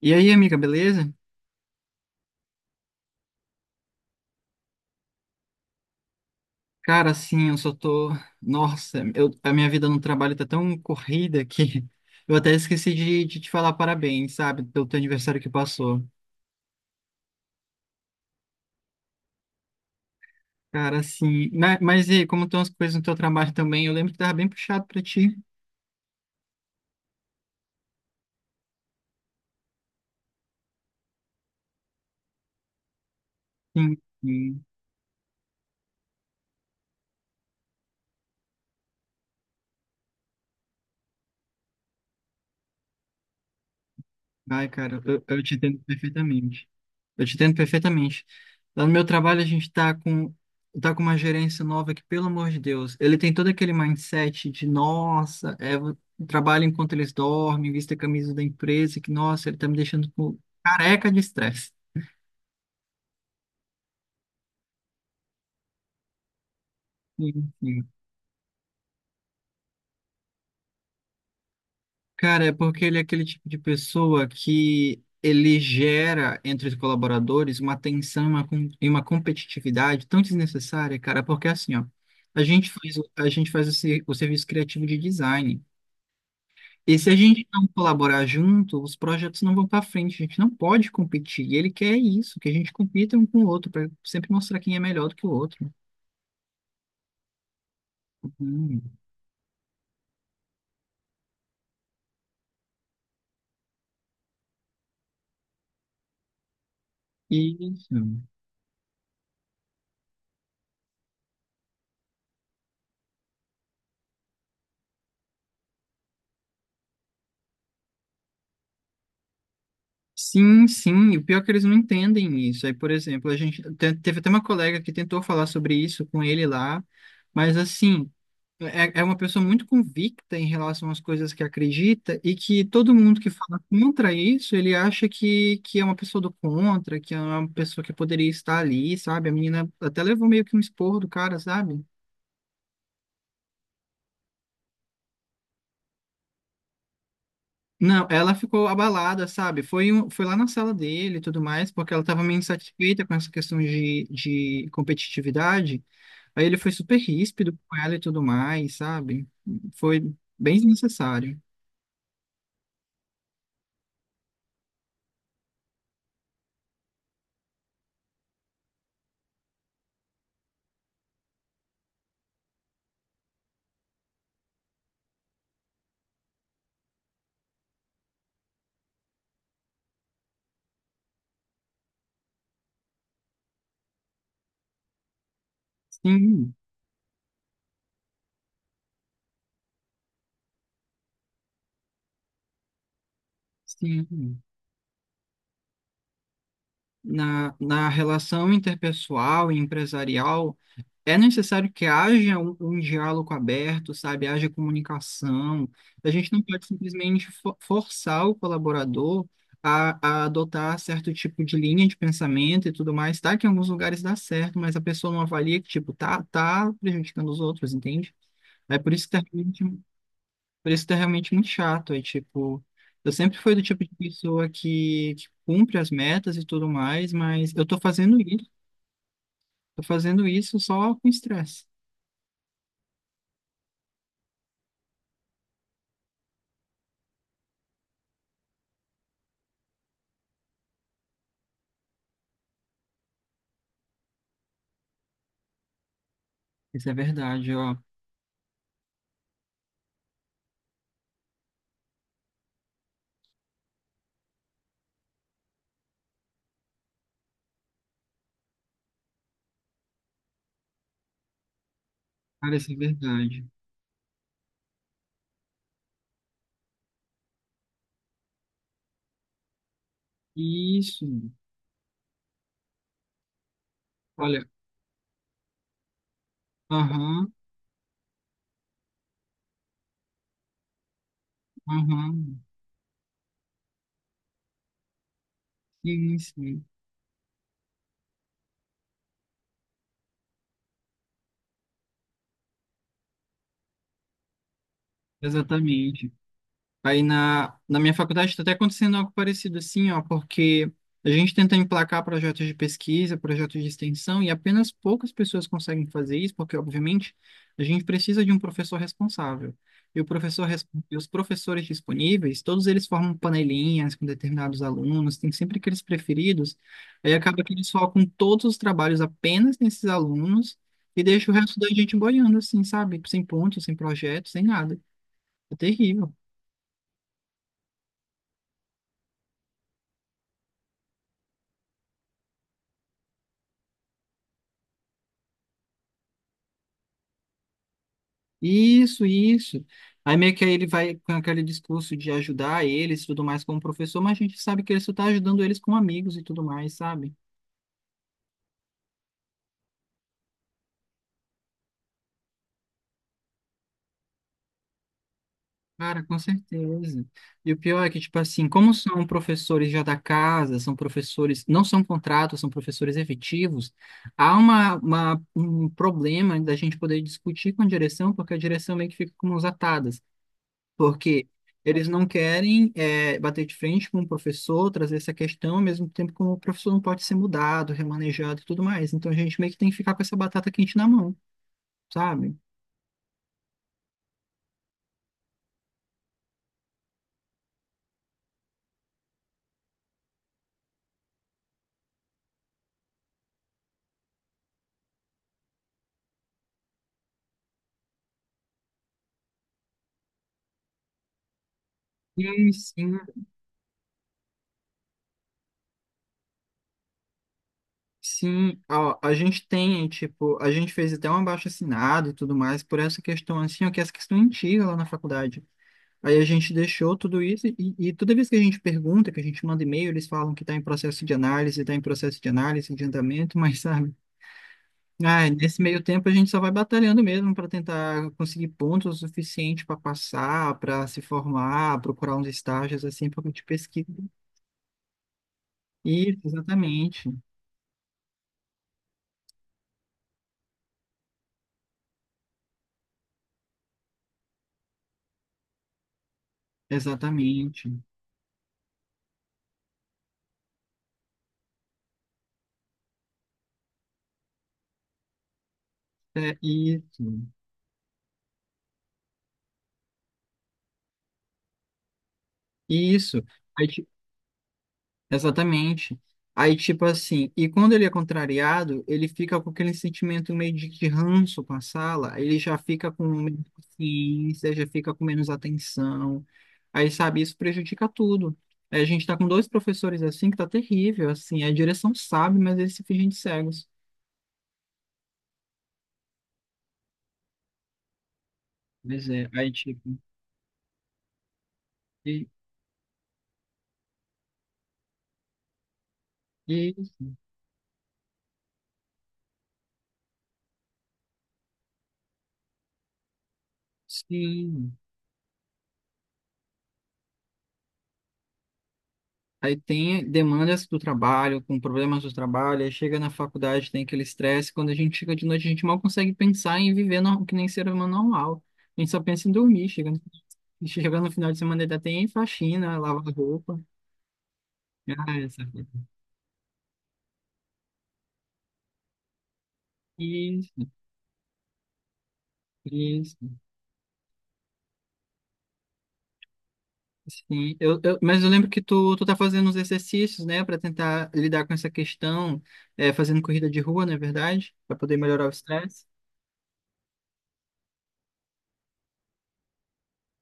E aí, amiga, beleza? Cara, assim, eu só tô. Nossa, a minha vida no trabalho tá tão corrida que eu até esqueci de te falar parabéns, sabe, pelo teu aniversário que passou. Cara, assim. Mas e aí, como estão as coisas no teu trabalho também? Eu lembro que tava bem puxado pra ti. Sim. Ai, cara, eu te entendo perfeitamente. Eu te entendo perfeitamente. Lá no meu trabalho, a gente tá com uma gerência nova que, pelo amor de Deus, ele tem todo aquele mindset de, nossa, é, eu trabalho enquanto eles dormem, vista a camisa da empresa, que, nossa, ele tá me deixando careca de estresse. Sim, sim. Cara, é porque ele é aquele tipo de pessoa que ele gera entre os colaboradores uma tensão uma com- e uma competitividade tão desnecessária, cara, porque assim, ó, a gente faz o serviço criativo de design. E se a gente não colaborar junto, os projetos não vão para frente, a gente não pode competir. E ele quer isso, que a gente compita um com o outro, para sempre mostrar quem é melhor do que o outro. Hum, isso. Sim, sim, e o pior é que eles não entendem isso. Aí, por exemplo, teve até uma colega que tentou falar sobre isso com ele lá, mas assim, é uma pessoa muito convicta em relação às coisas que acredita e que todo mundo que fala contra isso, ele acha que é uma pessoa do contra, que é uma pessoa que poderia estar ali, sabe? A menina até levou meio que um esporro do cara, sabe? Não, ela ficou abalada, sabe? Foi lá na sala dele e tudo mais, porque ela estava meio insatisfeita com essa questão de competitividade. Aí ele foi super ríspido com ela e tudo mais, sabe? Foi bem desnecessário. Sim, sim. Na, na relação interpessoal e empresarial, é necessário que haja um diálogo aberto, sabe? Haja comunicação. A gente não pode simplesmente forçar o colaborador a adotar certo tipo de linha de pensamento e tudo mais. Tá que em alguns lugares dá certo, mas a pessoa não avalia que, tipo, tá prejudicando os outros, entende? É por isso que termina. Por isso que é realmente muito chato. Aí, tipo, eu sempre fui do tipo de pessoa que cumpre as metas e tudo mais, mas eu tô fazendo isso só com estresse. Isso é verdade, ó. Cara, isso é verdade. Isso. Olha, aham, aham, sim, sim, exatamente. Aí na, na minha faculdade está até acontecendo algo parecido assim, ó, porque a gente tenta emplacar projetos de pesquisa, projetos de extensão, e apenas poucas pessoas conseguem fazer isso, porque, obviamente, a gente precisa de um professor responsável. E os professores disponíveis, todos eles formam panelinhas com determinados alunos, tem sempre aqueles preferidos, aí acaba que eles focam todos os trabalhos apenas nesses alunos e deixa o resto da gente boiando, assim, sabe? Sem ponto, sem projeto, sem nada. É terrível. Isso, isso. Aí meio que aí ele vai com aquele discurso de ajudar eles e tudo mais como professor, mas a gente sabe que ele só tá ajudando eles como amigos e tudo mais, sabe? Cara, com certeza. E o pior é que, tipo assim, como são professores já da casa, são professores, não são contratos, são professores efetivos, há um problema da gente poder discutir com a direção, porque a direção meio que fica com mãos atadas. Porque eles não querem bater de frente com o professor, trazer essa questão, ao mesmo tempo como o professor não pode ser mudado, remanejado e tudo mais. Então a gente meio que tem que ficar com essa batata quente na mão, sabe? E sim, sim, ó, a gente tem, tipo, a gente fez até um abaixo-assinado e tudo mais por essa questão assim, ó, que é essa questão antiga lá na faculdade. Aí a gente deixou tudo isso e toda vez que a gente pergunta, que a gente manda e-mail, eles falam que está em processo de análise, está em processo de análise, de andamento, mas sabe? Ah, nesse meio tempo a gente só vai batalhando mesmo para tentar conseguir pontos o suficiente para passar, para se formar, procurar uns estágios assim para de pesquisa. Isso, exatamente. Exatamente. É isso. Isso. Exatamente. Aí, tipo assim, e quando ele é contrariado, ele fica com aquele sentimento meio de ranço com a sala, aí ele já fica com menos paciência, já fica com menos atenção. Aí, sabe, isso prejudica tudo. Aí a gente tá com dois professores assim que tá terrível, assim, a direção sabe, mas eles se fingem de cegos. Pois é, aí tipo, e, e sim, aí tem demandas do trabalho, com problemas do trabalho, aí chega na faculdade, tem aquele estresse. Quando a gente chega de noite, a gente mal consegue pensar em viver que nem ser humano normal. A gente só pensa em dormir. Chega no final de semana, ainda tem faxina, lavar roupa. Ah, essa coisa. Isso, isso. Sim. Mas eu lembro que tu tá fazendo uns exercícios, né, para tentar lidar com essa questão, é, fazendo corrida de rua, não é verdade? Para poder melhorar o estresse.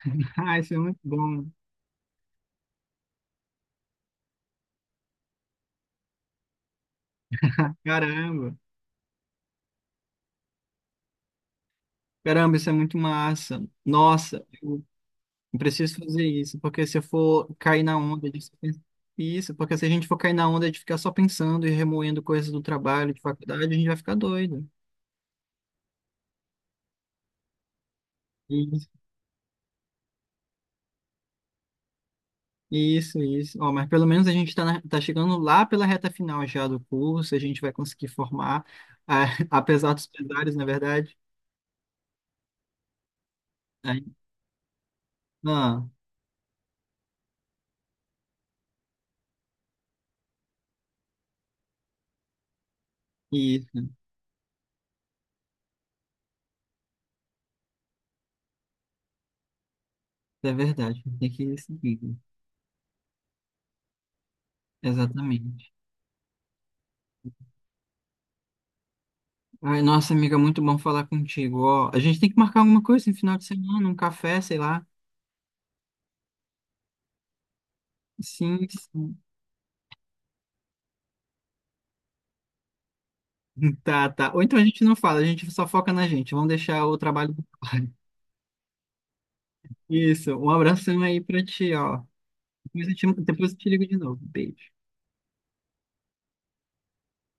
Ah, isso é muito bom. Caramba. Caramba, isso é muito massa. Nossa, eu preciso fazer isso, porque se eu for cair na onda Isso, porque se a gente for cair na onda de ficar só pensando e remoendo coisas do trabalho, de faculdade, a gente vai ficar doido. Isso, isso. Isso. Ó, mas pelo menos a gente está tá chegando lá pela reta final já do curso, a gente vai conseguir formar, ah, apesar dos pesares, na verdade. Aí- ah, isso, é verdade, tem que seguir. Exatamente. Ai, nossa, amiga, muito bom falar contigo. Ó, a gente tem que marcar alguma coisa no final de semana, um café, sei lá. Sim, sim. Tá, tá. Ou então a gente não fala, a gente só foca na gente. Vamos deixar o trabalho do pai. Isso. Um abração aí pra ti, ó. Depois eu te ligo de novo. Beijo.